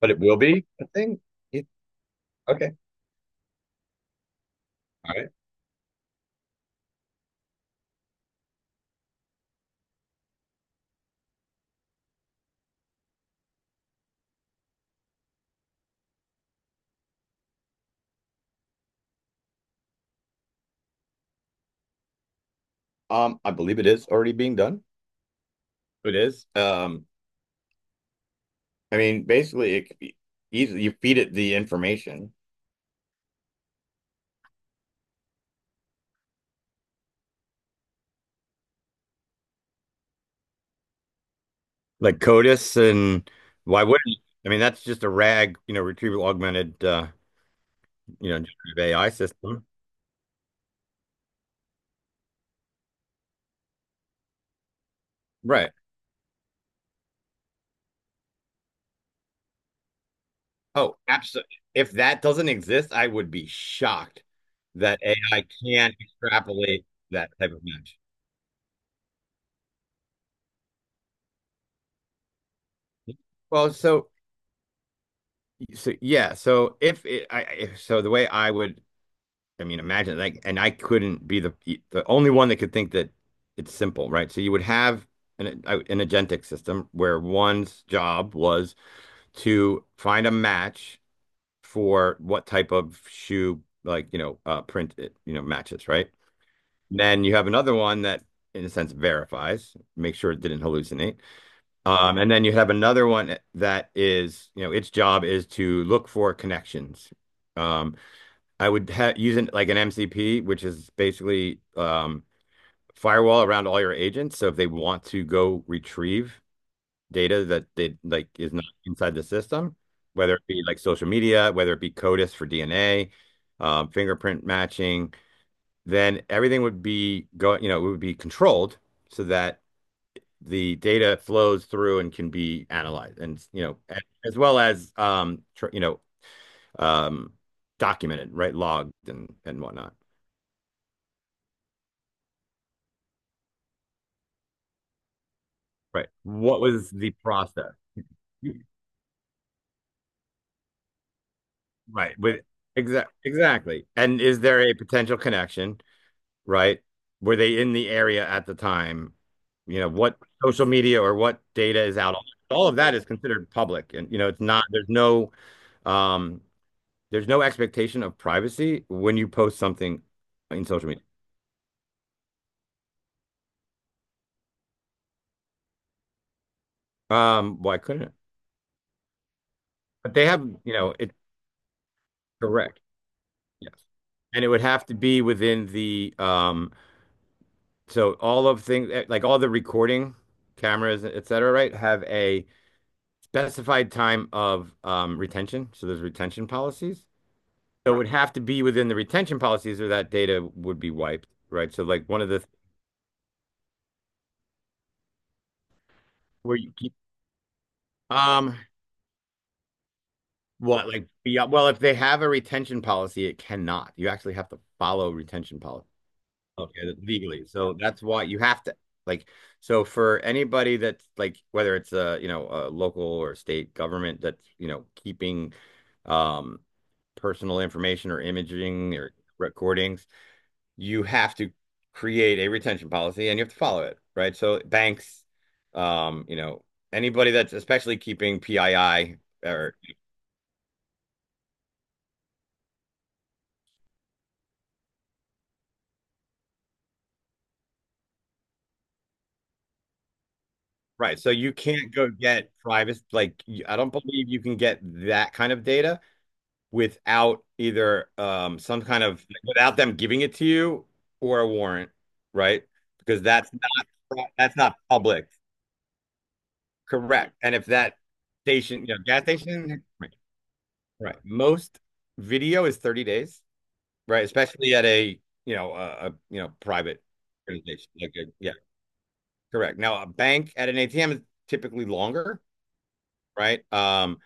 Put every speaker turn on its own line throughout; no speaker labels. But it will be a thing. Yeah. Okay. All right. I believe it is already being done. It is. Basically, you feed it the information. Like CODIS and why wouldn't? That's just a rag, retrieval augmented you know, AI system. Right. Oh, absolutely. If that doesn't exist, I would be shocked that AI can extrapolate that type of match. Well, so So yeah, so if it, I so the way imagine like, and I couldn't be the only one that could think that. It's simple, right? So you would have an agentic system where one's job was to find a match for what type of shoe, like, print it, matches, right? Then you have another one that, in a sense, verifies, make sure it didn't hallucinate. And then you have another one that is, you know, its job is to look for connections. Um, I would ha use it like an MCP, which is basically firewall around all your agents. So if they want to go retrieve data that they like is not inside the system, whether it be like social media, whether it be CODIS for DNA, fingerprint matching, then everything would be it would be controlled, so that the data flows through and can be analyzed, and as well as um, documented, right, logged and whatnot. Right. What was the process? Right. Exactly. And is there a potential connection? Right. Were they in the area at the time? You know, what social media or what data is out? All of that is considered public. And, you know, it's not, um, there's no expectation of privacy when you post something in social media. Why couldn't it? But they have, you know, it's correct. Yes. And it would have to be within the So all of things like all the recording cameras, et cetera, right, have a specified time of retention. So there's retention policies. So it right, would have to be within the retention policies, or that data would be wiped, right? So like one of the where you keep um what like beyond, well, if they have a retention policy, it cannot. You actually have to follow retention policy. Okay, legally. So that's why you have to, like, so for anybody that's like, whether it's a, you know, a local or state government that's, you know, keeping um personal information or imaging or recordings, you have to create a retention policy and you have to follow it, right? So banks, you know, anybody that's especially keeping PII or right. So you can't go get private like I don't believe you can get that kind of data without either some kind of, without them giving it to you or a warrant, right? Because that's not, that's not public. Correct. And if that station, you know, gas station, right. Right. Most video is 30 days, right? Especially at a, you know, a you know, private organization. Like a, yeah, correct. Now a bank at an ATM is typically longer, right?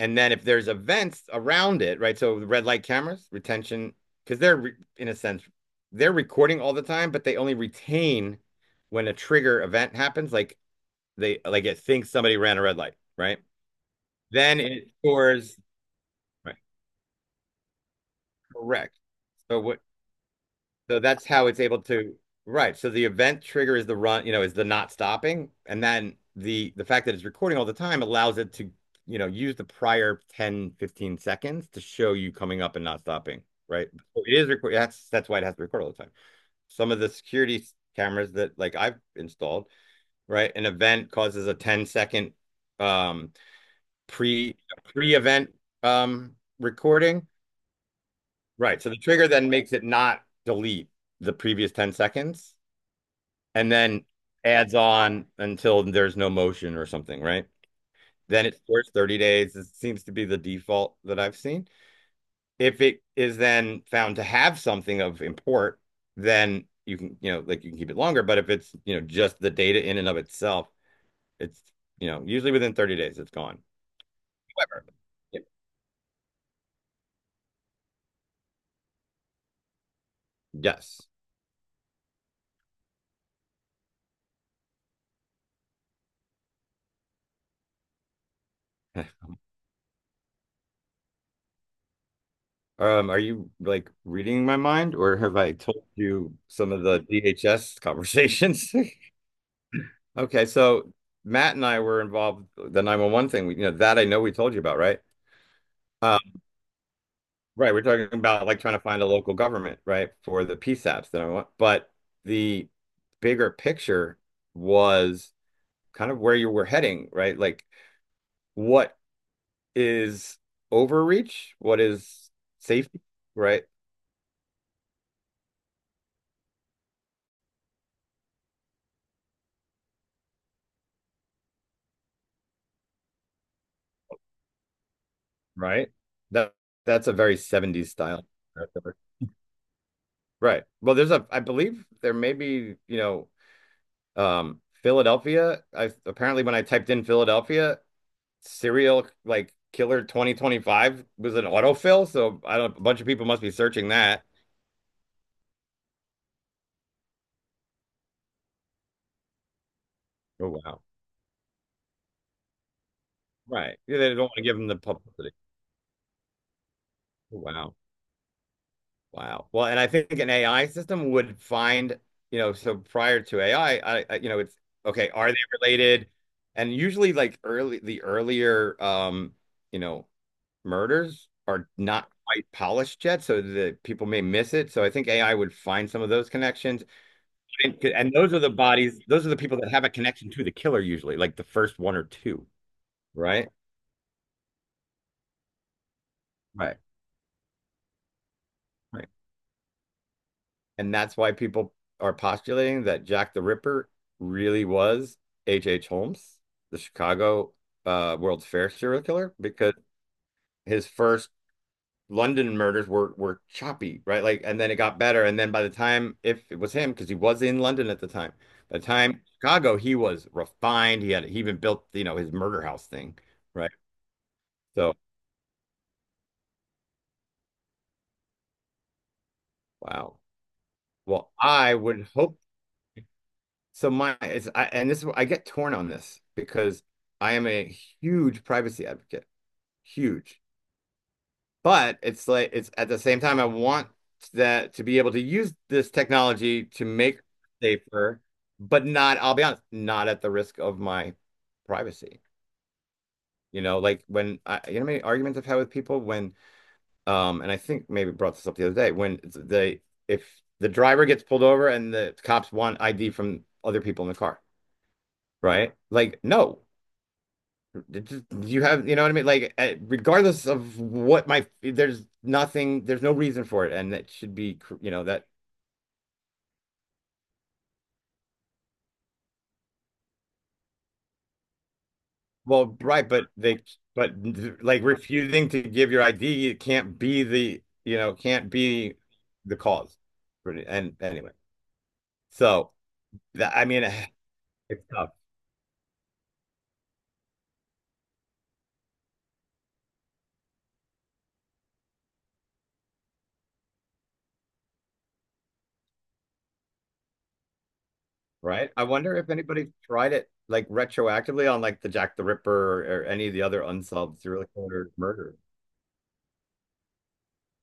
And then if there's events around it, right? So the red light cameras, retention, because they're, in a sense, they're recording all the time, but they only retain when a trigger event happens. Like, they like it thinks somebody ran a red light, right? Then it stores right, correct. So what, so that's how it's able to, right. So the event trigger is the run, you know, is the not stopping. And then the fact that it's recording all the time allows it to, you know, use the prior 10 to 15 seconds to show you coming up and not stopping, right? So it is record, that's why it has to record all the time. Some of the security cameras that like I've installed, right? An event causes a 10 second um pre pre-event recording. Right. So the trigger then makes it not delete the previous 10 seconds and then adds on until there's no motion or something, right? Then it stores 30 days. It seems to be the default that I've seen. If it is then found to have something of import, then you can, you know, like, you can keep it longer. But if it's, you know, just the data in and of itself, it's, you know, usually within 30 days, it's gone. However, y- yes. Are you like reading my mind, or have I told you some of the DHS conversations? Okay, so Matt and I were involved with the 911 thing. We, you know, that I know we told you about, right? Um, right, we're talking about like trying to find a local government, right, for the PSAPs that I want. But the bigger picture was kind of where you were heading, right? Like, what is overreach? What is safety? Right, right. That that's a very 70s style. Right. Well, there's a, I believe there may be, you know, Philadelphia. I apparently when I typed in Philadelphia, serial like killer 2025 was an autofill. So I don't. A bunch of people must be searching that. Oh wow. Right. Yeah, they don't want to give them the publicity. Oh, wow. Wow. Well, and I think an AI system would find, you know, so prior to AI, I you know, it's okay, are they related? And usually like early the earlier you know, murders are not quite polished yet, so that people may miss it. So I think AI would find some of those connections. And those are the bodies, those are the people that have a connection to the killer usually, like the first one or two, right? Right. Right. And that's why people are postulating that Jack the Ripper really was H.H. Holmes, the Chicago World's Fair serial killer, because his first London murders were choppy, right? Like, and then it got better. And then by the time, if it was him, because he was in London at the time, by the time Chicago, he was refined. He even built, you know, his murder house thing, right? So, wow. Well, I would hope so. My it's I, and this is- I get torn on this because I am a huge privacy advocate, huge. But it's like, it's at the same time I want that to be able to use this technology to make safer, but not, I'll be honest, not at the risk of my privacy. You know, like when I, you know, how many arguments I've had with people when, and I think maybe brought this up the other day when they, if the driver gets pulled over and the cops want ID from other people in the car, right? Like, no, you have, you know what I mean? Like, regardless of what my, there's nothing, there's no reason for it, and that should be, you know, that. Well, right, but they, but like refusing to give your ID, it can't be the, you know, can't be the cause for it. And anyway, so that I mean, it's tough, right? I wonder if anybody tried it like retroactively on like the Jack the Ripper, or any of the other unsolved serial killer murders,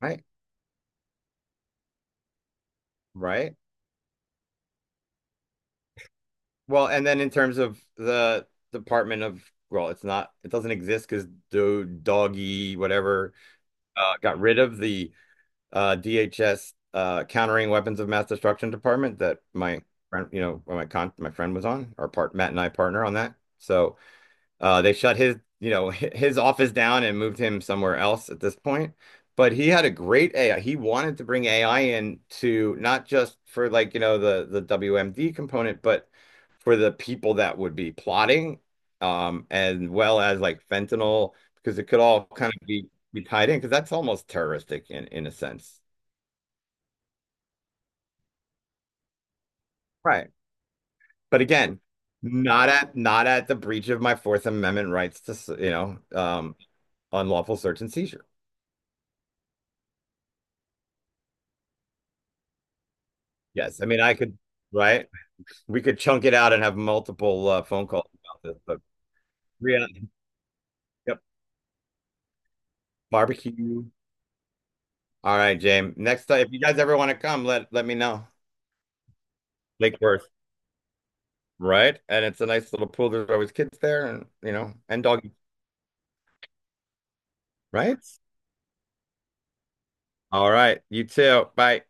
right? Right? Well, and then in terms of the Department of, well, it's not, it doesn't exist because do doggy whatever got rid of the DHS Countering Weapons of Mass Destruction Department that my friend, you know, my friend was on, our part Matt and I partner on that. So. They shut his, you know, his office down and moved him somewhere else at this point. But he had a great AI. He wanted to bring AI in to not just for like, you know, the WMD component, but for the people that would be plotting, as well as like fentanyl, because it could all kind of be tied in, because that's almost terroristic in a sense. Right. But again, not at, not at the breach of my Fourth Amendment rights to, you know, unlawful search and seizure. Yes, I mean I could, right? We could chunk it out and have multiple phone calls about this, but yeah, yep, barbecue. All right, James. Next time, if you guys ever want to come, let me know. Lake Worth, right? And it's a nice little pool. There's always kids there, and, you know, and doggy, right? All right, you too. Bye.